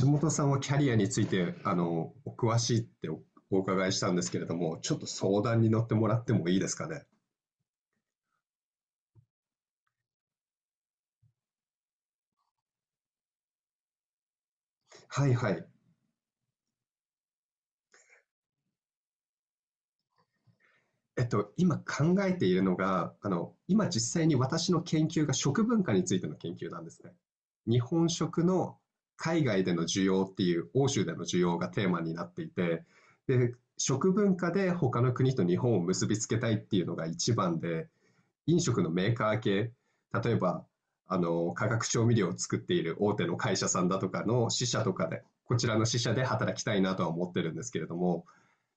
橋本さんはキャリアについて、お詳しいってお伺いしたんですけれども、ちょっと相談に乗ってもらってもいいですかね。はいはい。今考えているのが、今実際に私の研究が食文化についての研究なんですね。日本食の海外での需要っていう、欧州での需要がテーマになっていて、で、食文化で他の国と日本を結びつけたいっていうのが一番で、飲食のメーカー系、例えば、化学調味料を作っている大手の会社さんだとかの支社とかで、こちらの支社で働きたいなとは思ってるんですけれども、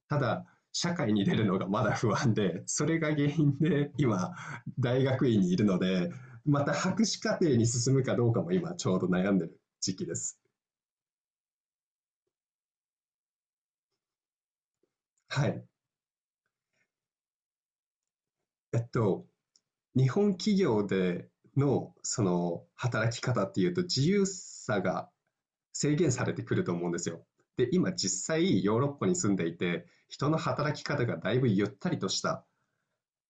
ただ、社会に出るのがまだ不安で、それが原因で今、大学院にいるので、また博士課程に進むかどうかも今ちょうど悩んでる時期です。はい。えっと、日本企業でのその働き方っていうと自由さが制限されてくると思うんですよ。で、今実際ヨーロッパに住んでいて、人の働き方がだいぶゆったりとした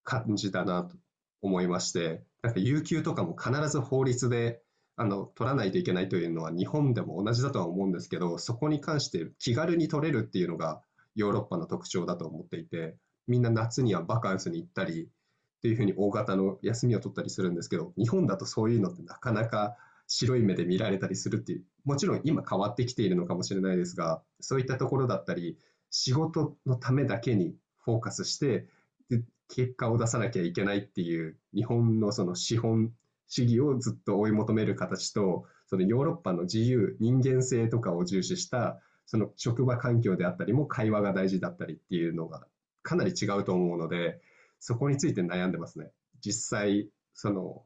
感じだなと思いまして、なんか有給とかも必ず法律で取らないといけないというのは日本でも同じだとは思うんですけど、そこに関して気軽に取れるっていうのがヨーロッパの特徴だと思っていて、みんな夏にはバカンスに行ったりっていうふうに大型の休みを取ったりするんですけど、日本だとそういうのってなかなか白い目で見られたりするっていう、もちろん今変わってきているのかもしれないですが、そういったところだったり、仕事のためだけにフォーカスして、で結果を出さなきゃいけないっていう日本のその資本主義をずっと追い求める形とそのヨーロッパの自由人間性とかを重視したその職場環境であったりも会話が大事だったりっていうのがかなり違うと思うので、そこについて悩んでますね。実際、その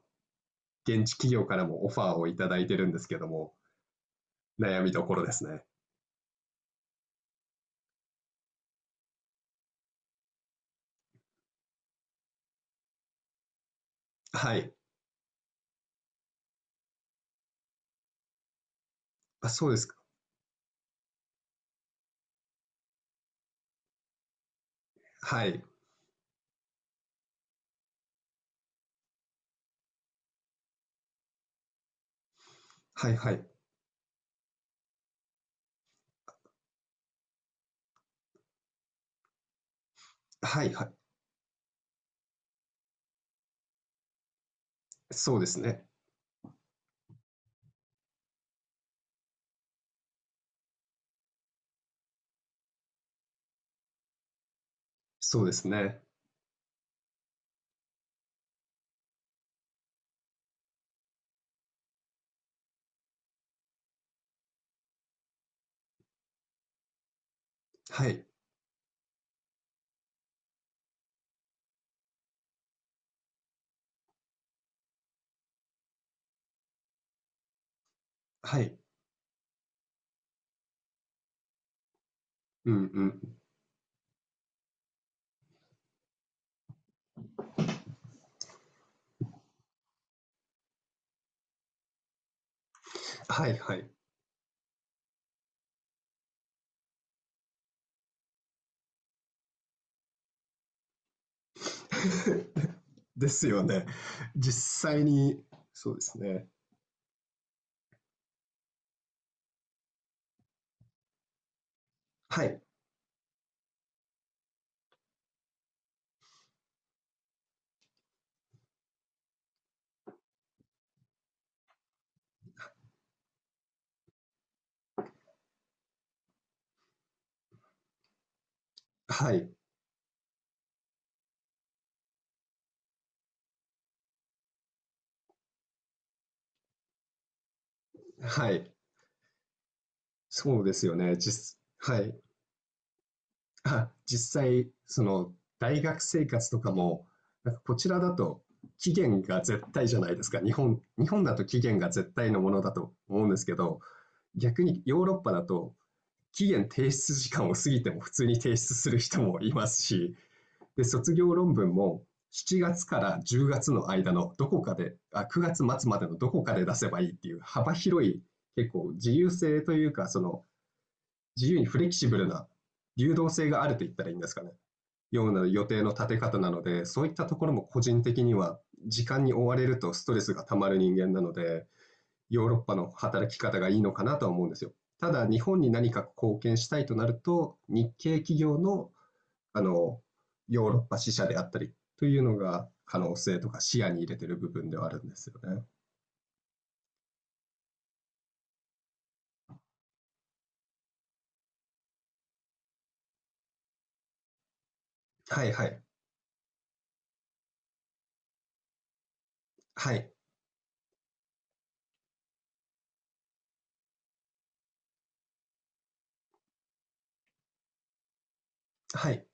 現地企業からもオファーをいただいてるんですけども、悩みどころですね。はい。あ、そうですか。はいはい。はい。はい。はい。そうですね。そうですね。はいはい。うんうん。はいはい。ですよね。実際に、そうですね。はい、はい、はい。そうですよね。はい。あ、実際、その、大学生活とかも、なんかこちらだと期限が絶対じゃないですか。日本だと期限が絶対のものだと思うんですけど、逆にヨーロッパだと、期限提出時間を過ぎても普通に提出する人もいますし、で、卒業論文も7月から10月の間のどこかで、あ、9月末まつまでのどこかで出せばいいっていう幅広い結構自由性というか、その自由にフレキシブルな流動性があると言ったらいいんですかね。ような予定の立て方なので、そういったところも個人的には時間に追われるとストレスがたまる人間なので、ヨーロッパの働き方がいいのかなとは思うんですよ。ただ、日本に何か貢献したいとなると、日系企業のあの、ヨーロッパ支社であったりというのが可能性とか視野に入れてる部分ではあるんですよね。はいはい。はい。はい。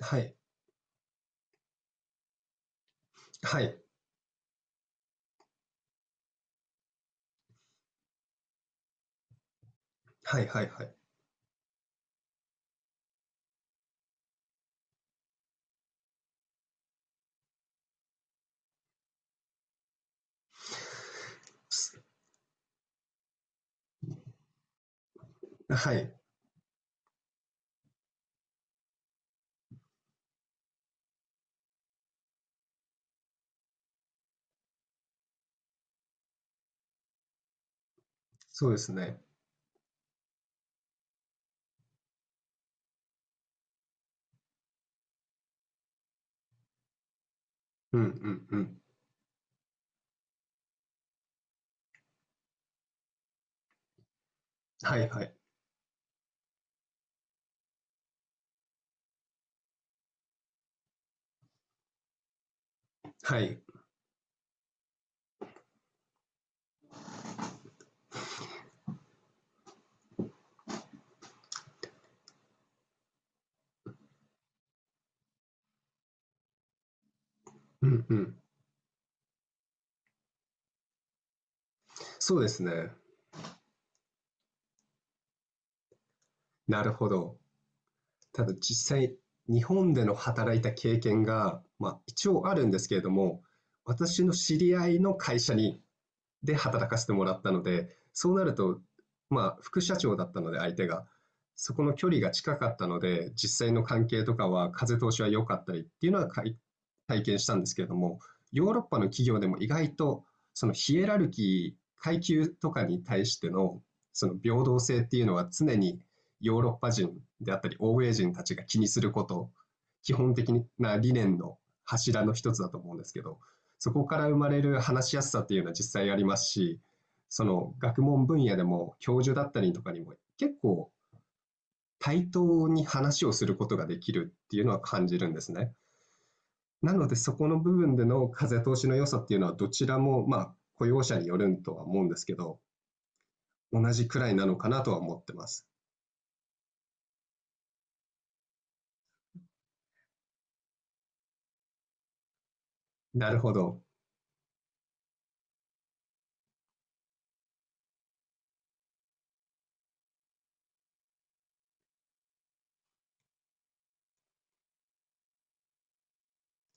はい。はい。はいはいはい。はい。そうですね。うんうんうん。はいはい。はい。うんうん。そうですね。なるほど。ただ実際、日本での働いた経験が、まあ、一応あるんですけれども、私の知り合いの会社にで働かせてもらったので、そうなると、まあ、副社長だったので、相手が、そこの距離が近かったので、実際の関係とかは風通しは良かったりっていうのはかい体験したんですけれども、ヨーロッパの企業でも意外と、そのヒエラルキー、階級とかに対しての、その平等性っていうのは常にヨーロッパ人であったり、欧米人たちが気にすること、基本的な理念の柱の一つだと思うんですけど、そこから生まれる話しやすさっていうのは実際ありますし、その学問分野でも教授だったりとかにも結構対等に話をすることができるっていうのは感じるんですね。なのでそこの部分での風通しの良さっていうのはどちらもまあ雇用者によるとは思うんですけど、同じくらいなのかなとは思ってます。なるほど。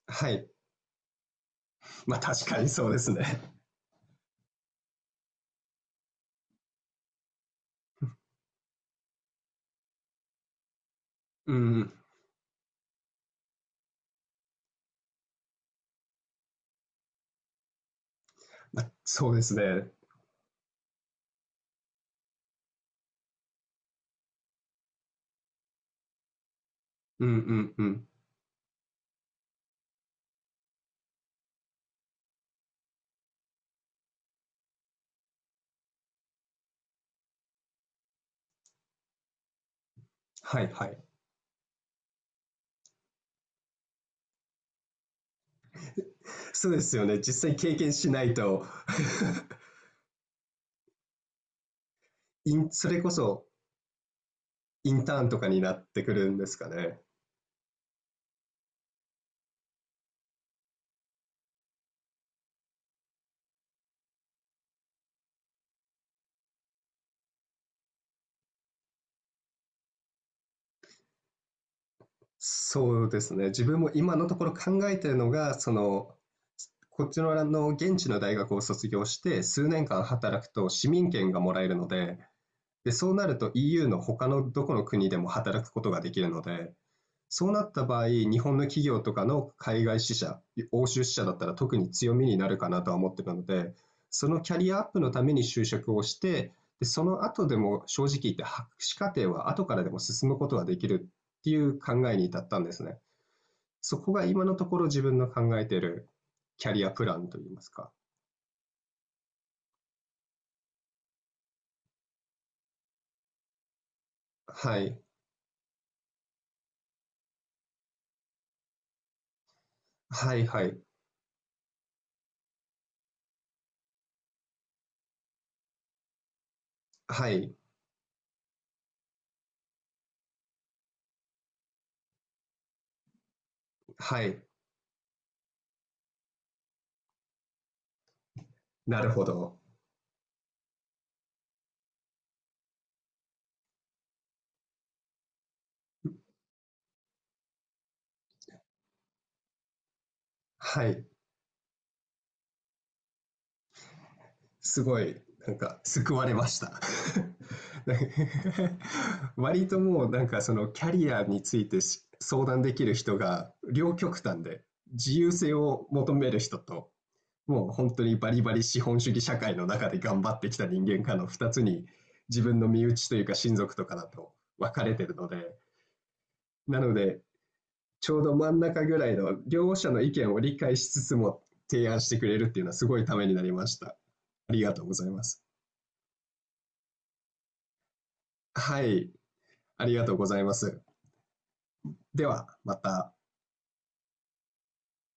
はい。まあ確かにそうですね。うん。まあ、そうですね。うんうんうん。はいはい。そうですよね。実際経験しないと それこそインターンとかになってくるんですかね。そうですね。自分も今のところ考えてるのが、こっちの現地の大学を卒業して数年間働くと市民権がもらえるので、で、そうなると EU の他のどこの国でも働くことができるので、そうなった場合、日本の企業とかの海外支社、欧州支社だったら特に強みになるかなとは思ってるので、そのキャリアアップのために就職をして、でその後でも正直言って博士課程は後からでも進むことができるっていう考えに至ったんですね。そこが今のところ自分の考えているキャリアプランといいますか。はい。はいはい。はい。はい。なるほど。はい。すごい、なんか、救われました。割ともう、なんか、その、キャリアについて相談できる人が、両極端で、自由性を求める人と、もう本当にバリバリ資本主義社会の中で頑張ってきた人間かの2つに、自分の身内というか親族とかだと分かれてるので、なので、ちょうど真ん中ぐらいの両者の意見を理解しつつも提案してくれるっていうのはすごいためになりました。ありがとうございます。はい、ありがとうございます。では、また。